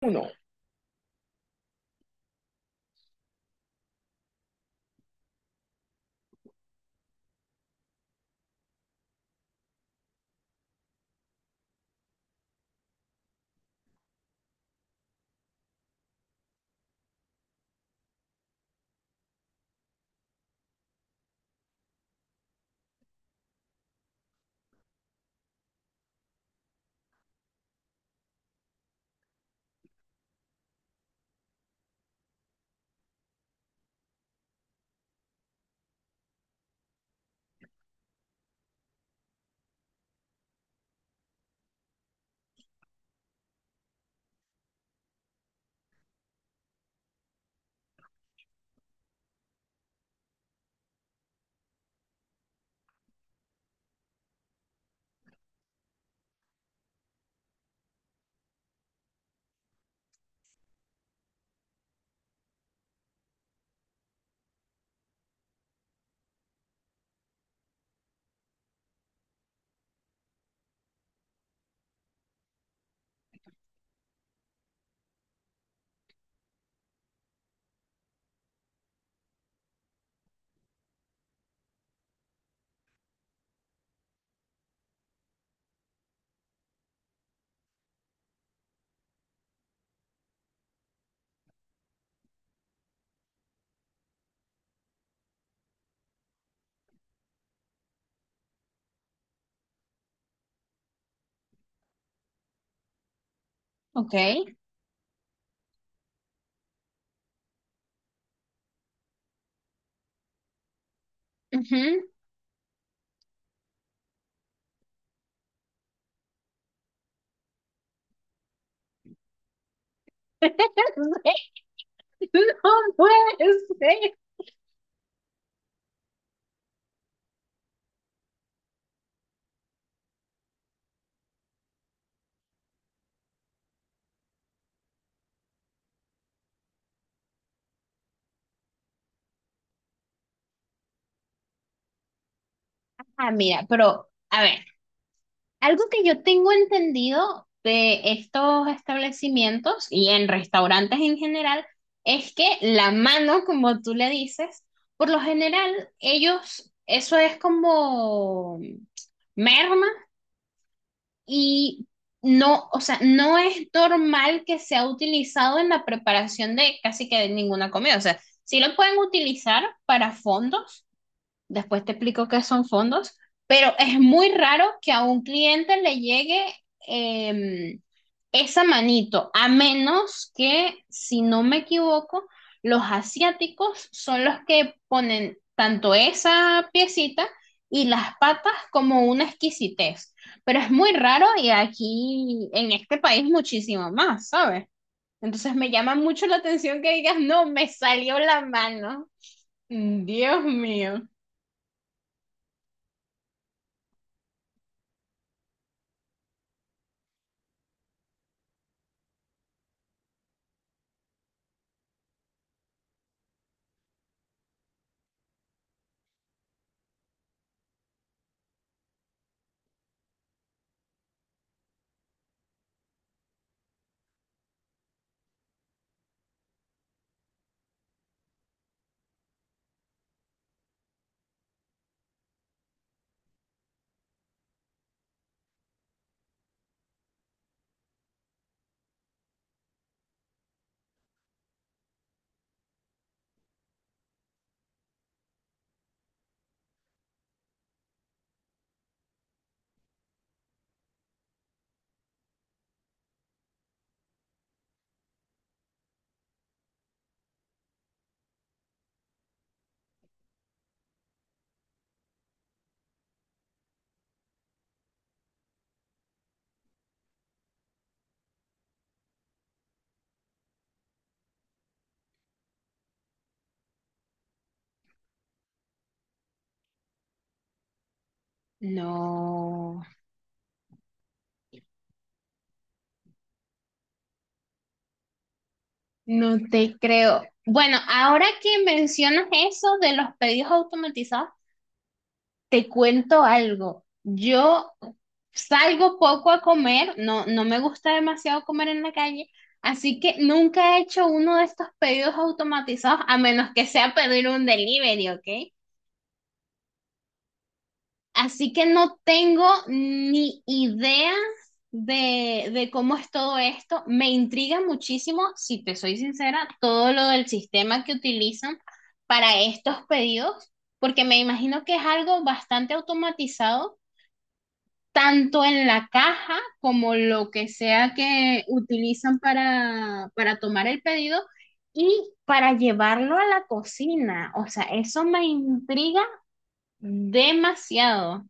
Uno. Okay. Ah, mira, pero a ver, algo que yo tengo entendido de estos establecimientos y en restaurantes en general es que la mano, como tú le dices, por lo general ellos, eso es como merma y no, o sea, no es normal que sea utilizado en la preparación de casi que de ninguna comida. O sea, sí lo pueden utilizar para fondos. Después te explico qué son fondos, pero es muy raro que a un cliente le llegue em, esa manito, a menos que, si no me equivoco, los asiáticos son los que ponen tanto esa piecita y las patas como una exquisitez. Pero es muy raro y aquí en este país muchísimo más, ¿sabes? Entonces me llama mucho la atención que digas, no, me salió la mano. Dios mío. No, no te creo. Bueno, ahora que mencionas eso de los pedidos automatizados, te cuento algo. Yo salgo poco a comer, no, no me gusta demasiado comer en la calle, así que nunca he hecho uno de estos pedidos automatizados, a menos que sea pedir un delivery, ¿ok? Así que no tengo ni idea de cómo es todo esto. Me intriga muchísimo, si te soy sincera, todo lo del sistema que utilizan para estos pedidos, porque me imagino que es algo bastante automatizado, tanto en la caja como lo que sea que utilizan para tomar el pedido y para llevarlo a la cocina. O sea, eso me intriga demasiado.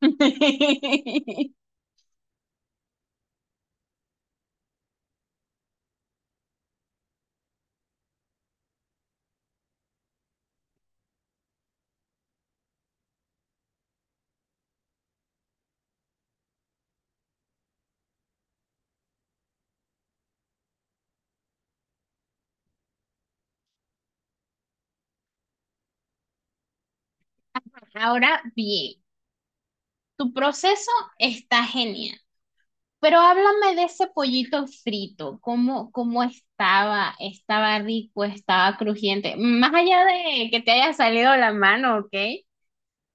Ahora bien, tu proceso está genial, pero háblame de ese pollito frito, cómo, cómo estaba, estaba rico, estaba crujiente, más allá de que te haya salido la mano, ¿ok?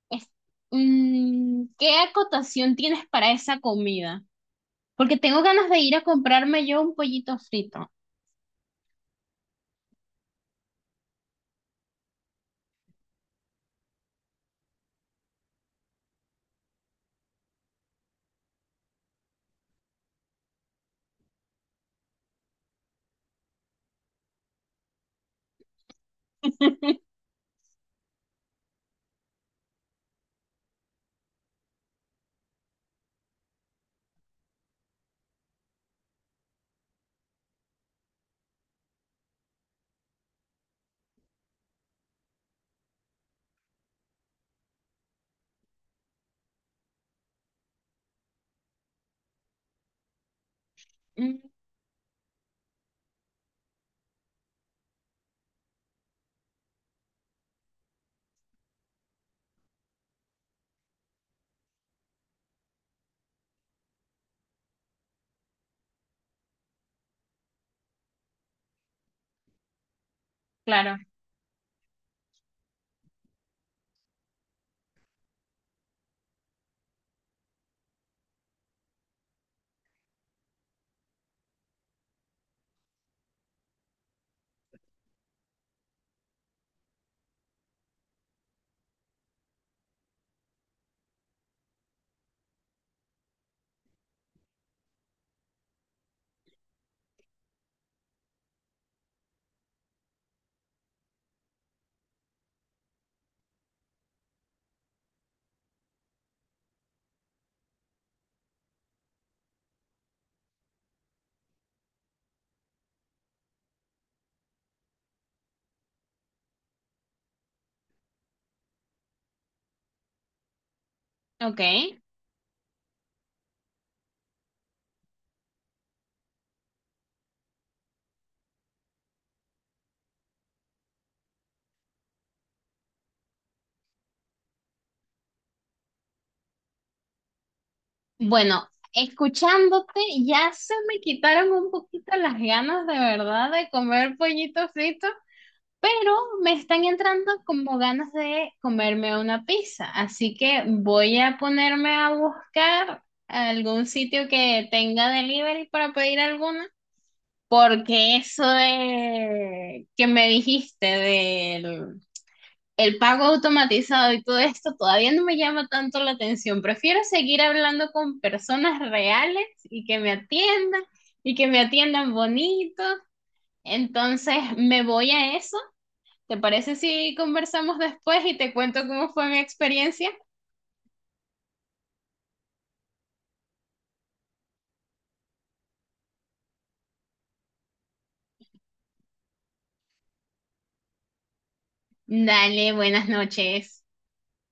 Es- mm, ¿qué acotación tienes para esa comida? Porque tengo ganas de ir a comprarme yo un pollito frito. Mm. Claro, ok. Bueno, escuchándote ya se me quitaron un poquito las ganas de verdad de comer pollito frito, pero me están entrando como ganas de comerme una pizza, así que voy a ponerme a buscar algún sitio que tenga delivery para pedir alguna, porque eso de que me dijiste el pago automatizado y todo esto todavía no me llama tanto la atención. Prefiero seguir hablando con personas reales y que me atiendan y que me atiendan bonito. Entonces me voy a eso. ¿Te parece si conversamos después y te cuento cómo fue mi experiencia? Dale, buenas noches.